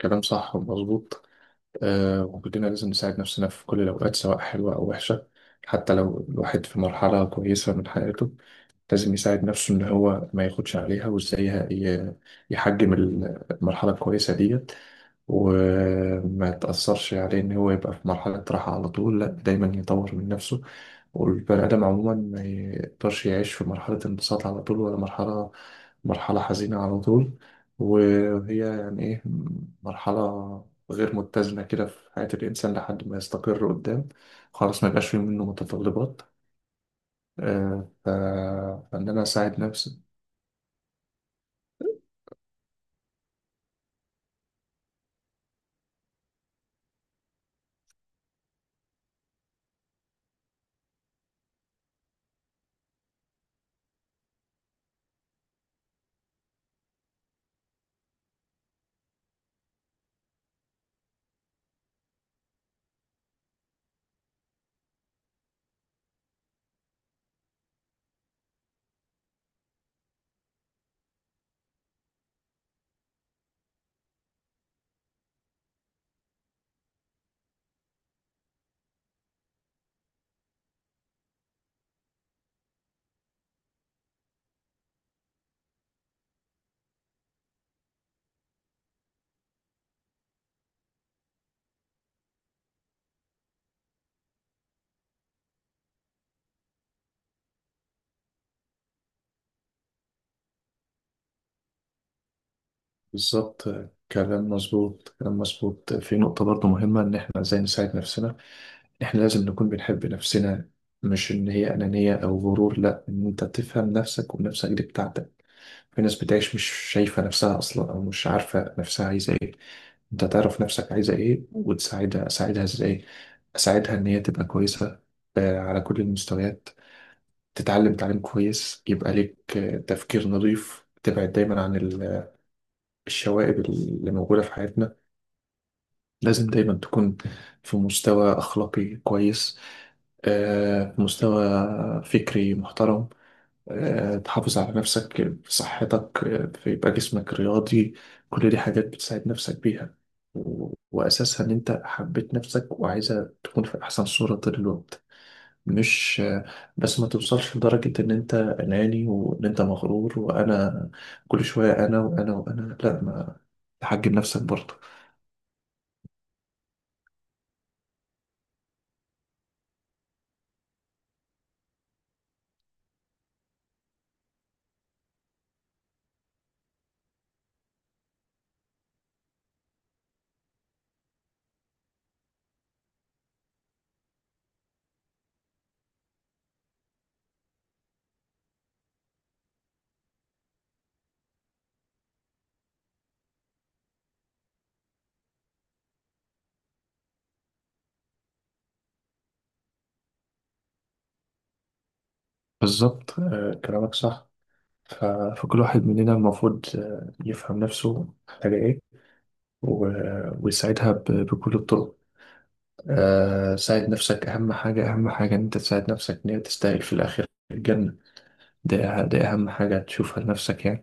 كلام صح ومظبوط. آه، وكلنا لازم نساعد نفسنا في كل الأوقات سواء حلوة أو وحشة. حتى لو الواحد في مرحلة كويسة من حياته لازم يساعد نفسه إن هو ما ياخدش عليها. وإزاي ي- يحجم المرحلة الكويسة دي وما تأثرش عليه. إن هو يبقى في مرحلة راحة على طول، لأ، دايما يطور من نفسه. والبني آدم عموما ما يقدرش يعيش في مرحلة انبساط على طول ولا مرحلة حزينة على طول. وهي يعني إيه؟ مرحلة غير متزنة كده في حياة الإنسان لحد ما يستقر قدام. خلاص، ما يبقاش في منه متطلبات. آه، ف- فإن أنا أساعد نفسي. بالظبط. كلام مظبوط، كلام مظبوط في نقطة برضو مهمة، إن إحنا إزاي نساعد نفسنا. إحنا لازم نكون بنحب نفسنا، مش إن هي أنانية أو غرور، لأ، إن أنت تفهم نفسك ونفسك دي بتاعتك. في ناس بتعيش مش شايفة نفسها أصلا أو مش عارفة نفسها عايزة إيه. أنت تعرف نفسك عايزة إيه وتساعدها. أساعدها إزاي؟ أساعدها إن هي تبقى كويسة على كل المستويات. تتعلم تعليم كويس، يبقى ليك تفكير نظيف، تبعد دايما عن الشوائب اللي موجودة في حياتنا. لازم دايما تكون في مستوى أخلاقي كويس، في مستوى فكري محترم، تحافظ على نفسك في صحتك، فيبقى جسمك رياضي. كل دي حاجات بتساعد نفسك بيها، وأساسها إن أنت حبيت نفسك وعايزة تكون في أحسن صورة طول الوقت. مش بس ما توصلش لدرجة إن أنت أناني وإن أنت مغرور، وأنا كل شوية، أنا وأنا وأنا، لا، ما تحجم نفسك برضه. بالظبط. كلامك صح. ف- فكل واحد مننا المفروض يفهم نفسه محتاجة إيه ويساعدها بكل الطرق. ساعد نفسك أهم حاجة. أهم حاجة إن أنت تساعد نفسك إن هي تستاهل في الآخر الجنة. ده أهم حاجة تشوفها لنفسك يعني.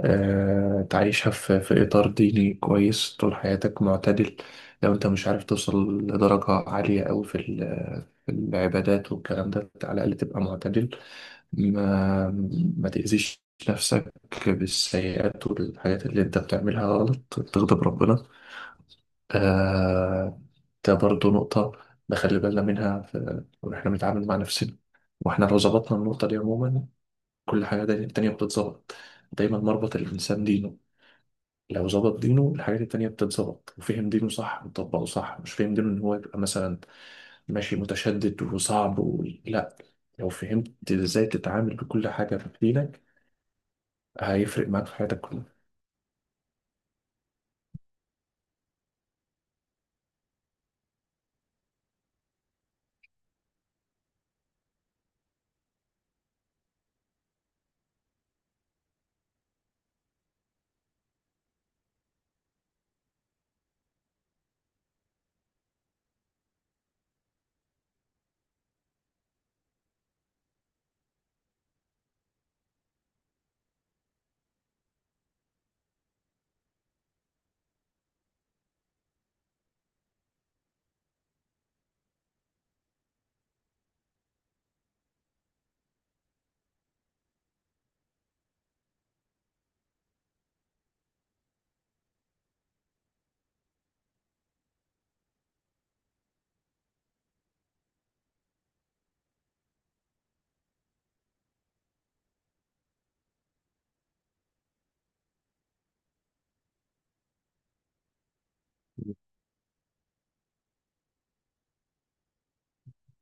تعيشها في إطار ديني كويس طول حياتك، معتدل. لو أنت مش عارف توصل لدرجة عالية أوي في العبادات والكلام ده، على الأقل تبقى معتدل. ما ما تأذيش نفسك بالسيئات والحاجات اللي انت بتعملها غلط تغضب ربنا. آه، ده برضو نقطة نخلي بالنا منها في واحنا بنتعامل مع نفسنا. واحنا لو ظبطنا النقطة دي عموما، كل حاجة التانية بتتظبط. دايما مربط الإنسان دينه. لو ظبط دينه، الحاجات التانية بتتظبط، وفهم دينه صح وطبقه صح. مش فهم دينه إن هو يبقى مثلا ماشي متشدد وصعب لا. لو فهمت ازاي تتعامل بكل حاجة في دينك، هيفرق معاك في حياتك كلها.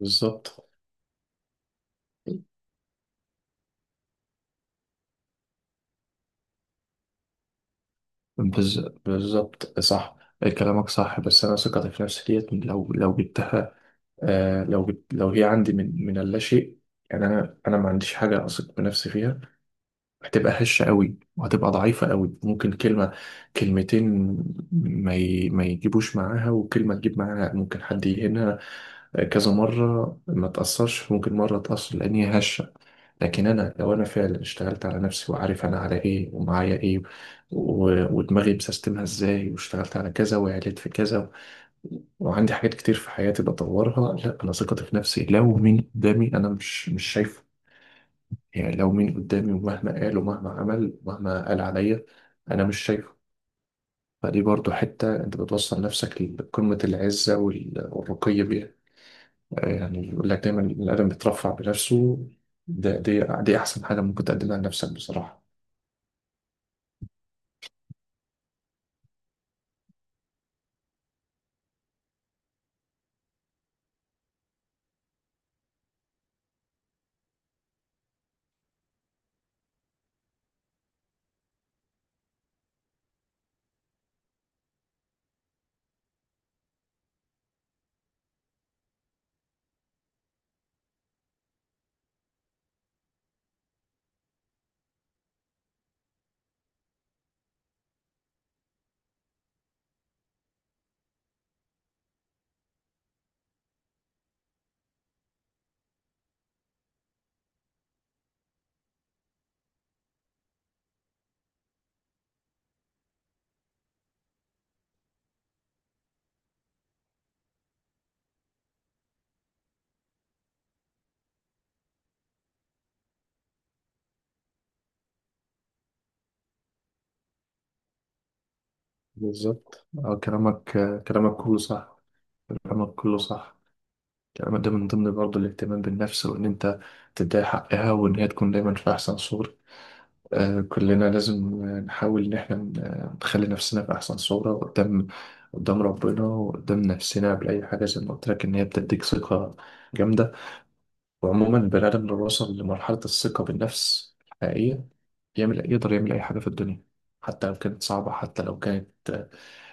بالظبط. بز... بالظبط صح. كلامك صح، بس انا ثقتي في نفسي ديت لو جبتها، آه، لو جبت، لو هي عندي من اللاشيء، يعني انا ما عنديش حاجه اثق بنفسي فيها، هتبقى هشه قوي وهتبقى ضعيفه قوي. ممكن كلمه كلمتين ما يجيبوش معاها، وكلمه تجيب معاها ممكن حد يهنها كذا مره ما تاثرش، ممكن مره تاثر لان هي هشه. لكن انا لو انا فعلا اشتغلت على نفسي، وعارف انا على ايه ومعايا ايه، ودماغي بسيستمها ازاي، واشتغلت على كذا وعليت في كذا وعندي حاجات كتير في حياتي بطورها، لا، انا ثقتي في نفسي. لو مين قدامي انا مش شايفه. يعني لو مين قدامي ومهما قال ومهما عمل ومهما قال عليا، انا مش شايفه. فدي برضو حتة انت بتوصل نفسك لقمة العزة والرقي بيها. يعني يقول لك دايما الادم بيترفع بنفسه. دي احسن حاجة ممكن تقدمها لنفسك بصراحة. بالظبط. اه، كلامك، كلامك كله صح. كلامك كله صح. كلامك ده من ضمن برضه الاهتمام بالنفس، وان انت تدي حقها وان هي تكون دايما في احسن صورة. آه، كلنا لازم، نحاول ان احنا نخلي نفسنا في احسن صورة قدام، قدام ربنا وقدام نفسنا قبل اي حاجة. زي ما قلت لك، ان هي بتديك ثقة جامدة. وعموما البني ادم لو وصل لمرحلة الثقة بالنفس الحقيقية، يقدر يعمل اي حاجة في الدنيا، حتى لو كانت صعبة، حتى لو كانت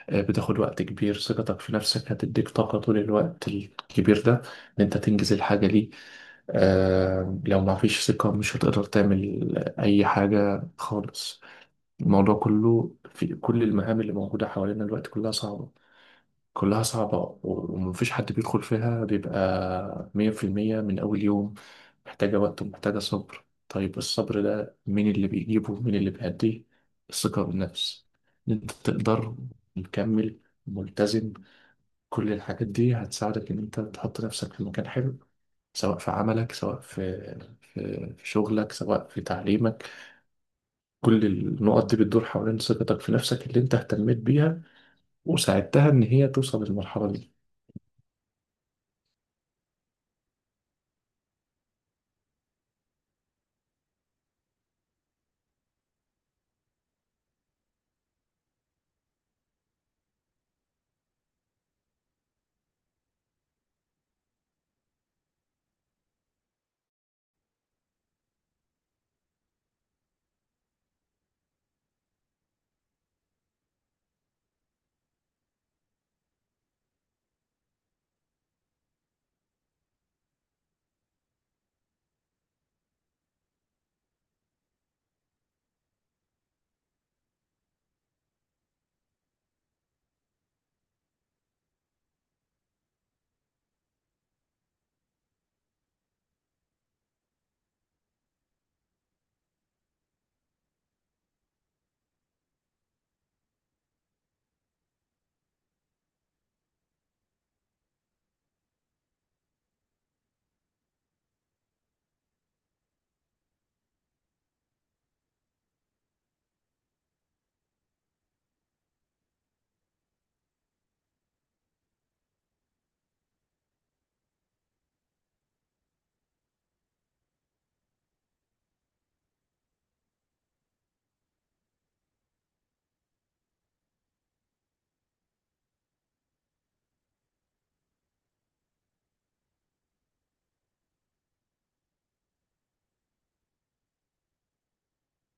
بتاخد وقت كبير. ثقتك في نفسك هتديك طاقة طول الوقت الكبير ده إن أنت تنجز الحاجة دي. لو ما فيش ثقة، مش هتقدر تعمل أي حاجة خالص. الموضوع كله، في كل المهام اللي موجودة حوالينا الوقت كلها صعبة، كلها صعبة، ومفيش حد بيدخل فيها بيبقى 100% من أول يوم. محتاجة وقت ومحتاجة صبر. طيب الصبر ده مين اللي بيجيبه، مين اللي بيأديه؟ الثقة بالنفس، إن أنت تقدر، مكمل، ملتزم. كل الحاجات دي هتساعدك إن أنت تحط نفسك في مكان حلو، سواء في عملك، سواء في في شغلك، سواء في تعليمك. كل النقط دي بتدور حوالين ثقتك في نفسك اللي أنت اهتميت بيها وساعدتها إن هي توصل للمرحلة دي.